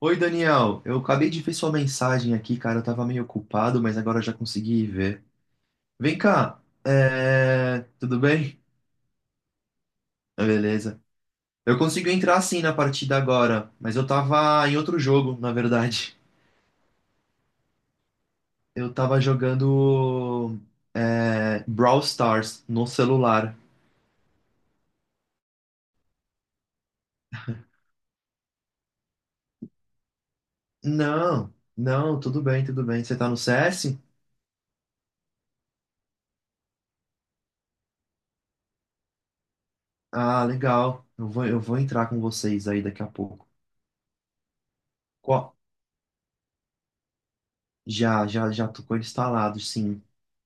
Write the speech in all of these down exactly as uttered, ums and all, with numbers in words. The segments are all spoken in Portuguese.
Oi, Daniel. Eu acabei de ver sua mensagem aqui, cara. Eu tava meio ocupado, mas agora eu já consegui ver. Vem cá. É... Tudo bem? Ah, beleza. Eu consigo entrar sim na partida agora, mas eu tava em outro jogo, na verdade. Eu tava jogando é... Brawl Stars no celular. Não, não, tudo bem, tudo bem. Você tá no C S? Ah, legal. Eu vou, eu vou entrar com vocês aí daqui a pouco. Qual? Já, já, já tô com ele instalado, sim.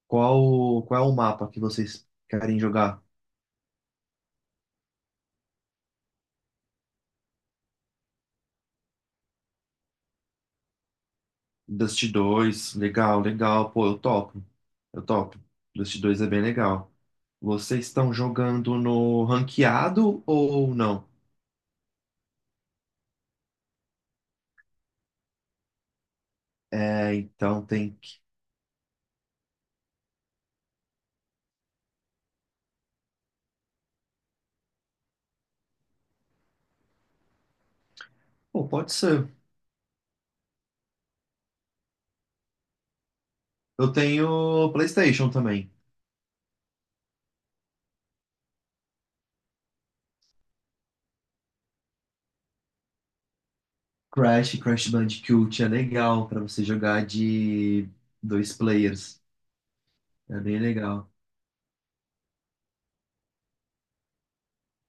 Qual, qual é o mapa que vocês querem jogar? Dust dois, legal, legal. Pô, eu topo. Eu topo. Dust dois é bem legal. Vocês estão jogando no ranqueado ou não? É, então tem que. Pô, pode ser. Eu tenho PlayStation também. Crash, Crash Bandicoot é legal pra você jogar de dois players. É bem legal.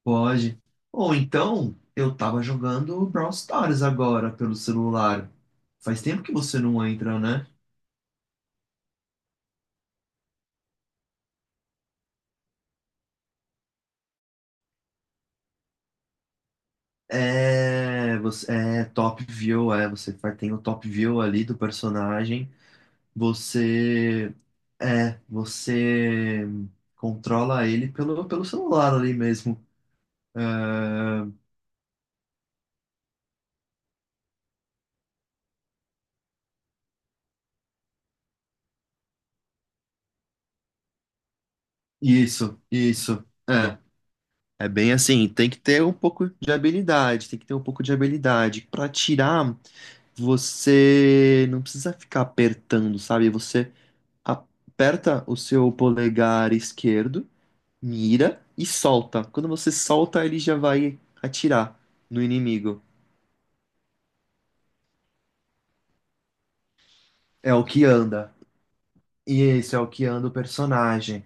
Pode. Ou então, eu tava jogando Brawl Stars agora pelo celular. Faz tempo que você não entra, né? É, você é top view, é, você faz- tem o top view ali do personagem. Você é, você controla ele pelo, pelo celular ali mesmo. É, isso, isso. É. É bem assim, tem que ter um pouco de habilidade, tem que ter um pouco de habilidade para tirar. Você não precisa ficar apertando, sabe? Você aperta o seu polegar esquerdo, mira e solta. Quando você solta, ele já vai atirar no inimigo. É o que anda. E esse é o que anda o personagem.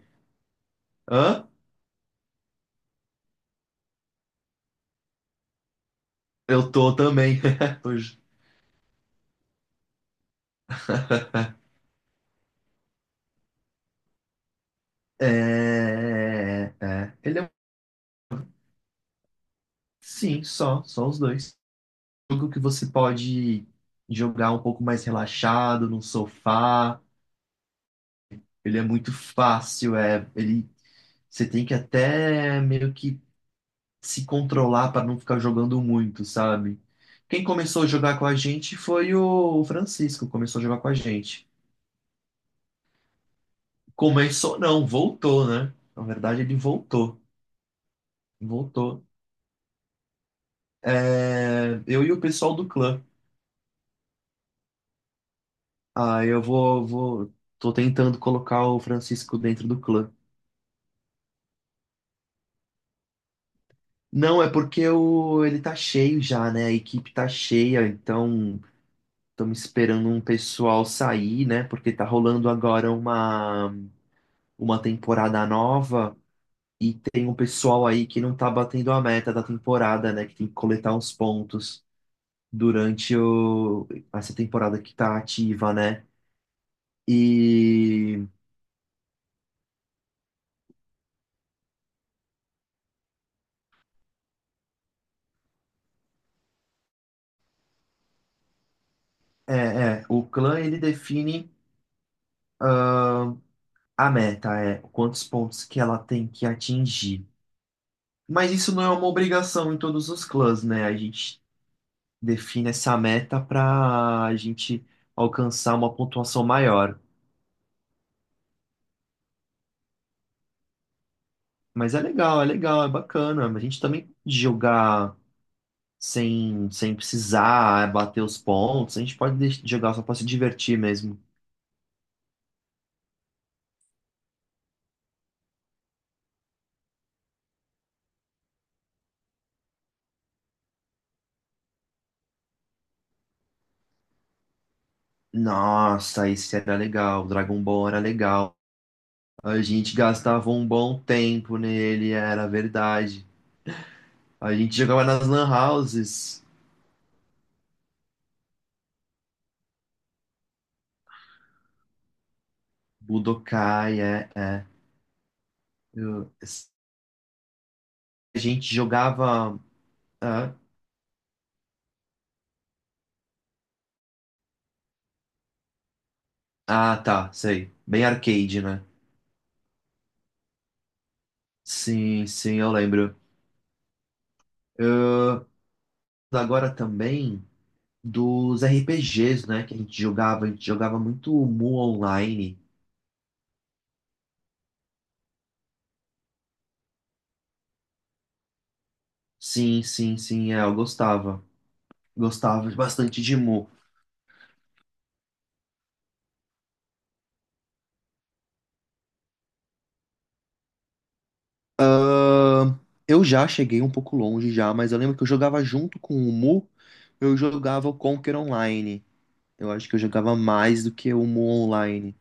Hã? Eu tô também. Hoje. É, é. é. Ele é. um- Sim, só. Só os dois. Jogo que você pode jogar um pouco mais relaxado, num sofá. Ele é muito fácil, é, ele você tem que até meio que se controlar para não ficar jogando muito, sabe? Quem começou a jogar com a gente foi o Francisco, começou a jogar com a gente. Começou, não, voltou, né? Na verdade, ele voltou, voltou. É, eu e o pessoal do clã. Ah, eu vou, vou, tô tentando colocar o Francisco dentro do clã. Não, é porque o, ele tá cheio já, né? A equipe tá cheia, então estamos esperando um pessoal sair, né? Porque tá rolando agora uma, uma temporada nova e tem um pessoal aí que não tá batendo a meta da temporada, né? Que tem que coletar uns pontos durante o, essa temporada que tá ativa, né? E é, é, o clã ele define ah, a meta, é quantos pontos que ela tem que atingir. Mas isso não é uma obrigação em todos os clãs, né? A gente define essa meta para a gente alcançar uma pontuação maior. Mas é legal, é legal, é bacana. A gente também pode jogar sem, sem precisar é, bater os pontos. A gente pode deix- jogar só para se divertir mesmo. Nossa, esse era legal. O Dragon Ball era legal. A gente gastava um bom tempo nele, era verdade. A gente jogava nas lan houses. Budokai, é, é. Eu- a gente jogava. Ah, tá, sei. Bem arcade, né? Sim, sim, eu lembro. Eu agora também dos R P Gs, né, que a gente jogava, a gente jogava muito Mu online. Sim, sim, sim, é, eu gostava. Gostava bastante de Mu. Eu já cheguei um pouco longe já, mas eu lembro que eu jogava junto com o Mu, eu jogava o Conquer Online. Eu acho que eu jogava mais do que o Mu online.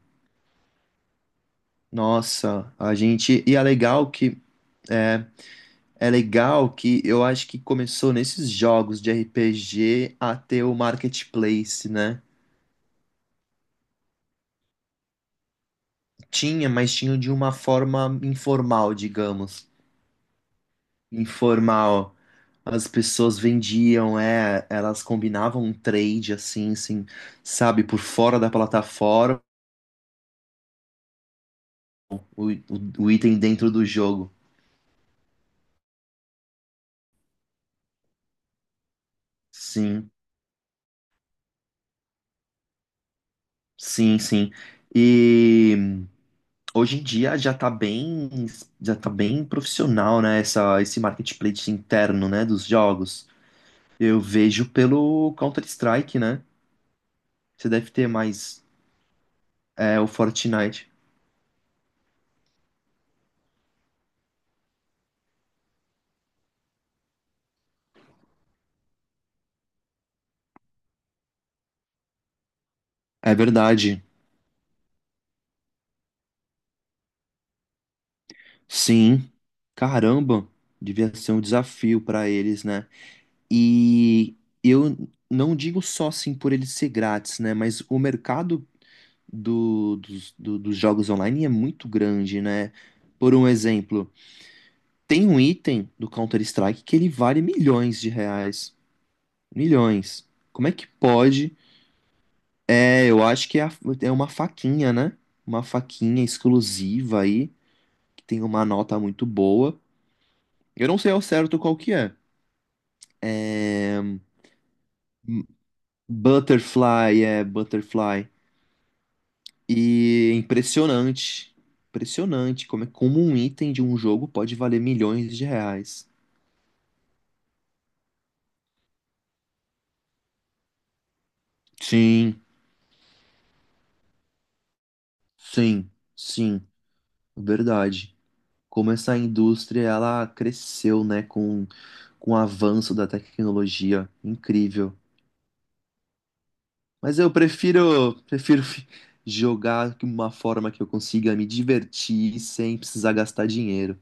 Nossa, a gente. E é legal que. é, É legal que eu acho que começou nesses jogos de R P G a ter o marketplace, né? Tinha, mas tinha de uma forma informal, digamos. Informal. As pessoas vendiam, é, elas combinavam um trade assim, assim, sabe, por fora da plataforma, o, o, o item dentro do jogo. Sim, sim, sim. E hoje em dia já tá bem, já tá bem profissional, né, essa, esse marketplace interno, né, dos jogos. Eu vejo pelo Counter-Strike, né? Você deve ter mais é, o Fortnite. É verdade. Sim. Caramba, devia ser um desafio pra eles, né? E eu não digo só assim por ele ser grátis, né? Mas o mercado do- dos, do- dos jogos online é muito grande, né? Por um exemplo, tem um item do Counter-Strike que ele vale milhões de reais. Milhões. Como é que pode? É, eu acho que é, a- é uma faquinha, né? Uma faquinha exclusiva aí, que tem uma nota muito boa. Eu não sei ao certo qual que é. Butterfly, é, Butterfly. E é impressionante. Impressionante como, é, como um item de um jogo pode valer milhões de reais. Sim, sim, sim, verdade. Como essa indústria ela cresceu, né, com, com o avanço da tecnologia. Incrível. Mas eu prefiro, prefiro fi- jogar de uma forma que eu consiga me divertir sem precisar gastar dinheiro.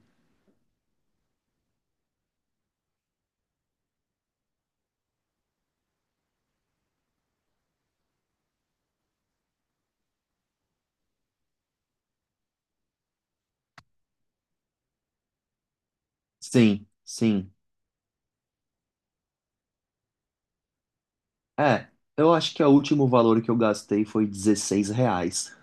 Sim, sim. É, eu acho que o último valor que eu gastei foi dezesseis reais.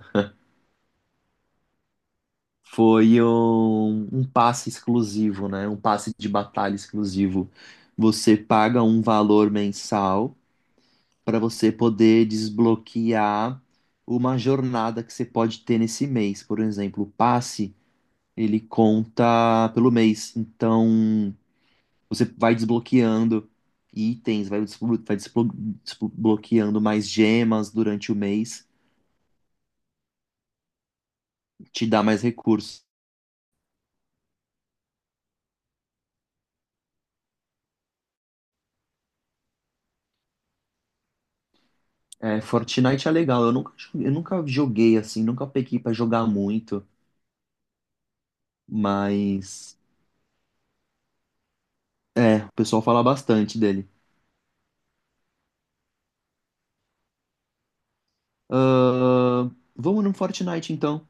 Foi um, um passe exclusivo, né? Um passe de batalha exclusivo. Você paga um valor mensal para você poder desbloquear uma jornada que você pode ter nesse mês. Por exemplo, o passe, ele conta pelo mês. Então, você vai desbloqueando itens, vai, desblo- vai desblo- desbloqueando mais gemas durante o mês, te dá mais recursos. É, Fortnite é legal, eu nunca, jo- eu nunca joguei assim, nunca peguei pra jogar muito, mas é, o pessoal fala bastante dele. Ahn, Vamos no Fortnite então.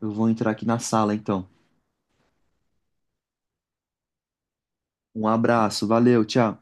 Eu vou entrar aqui na sala, então. Um abraço, valeu, tchau.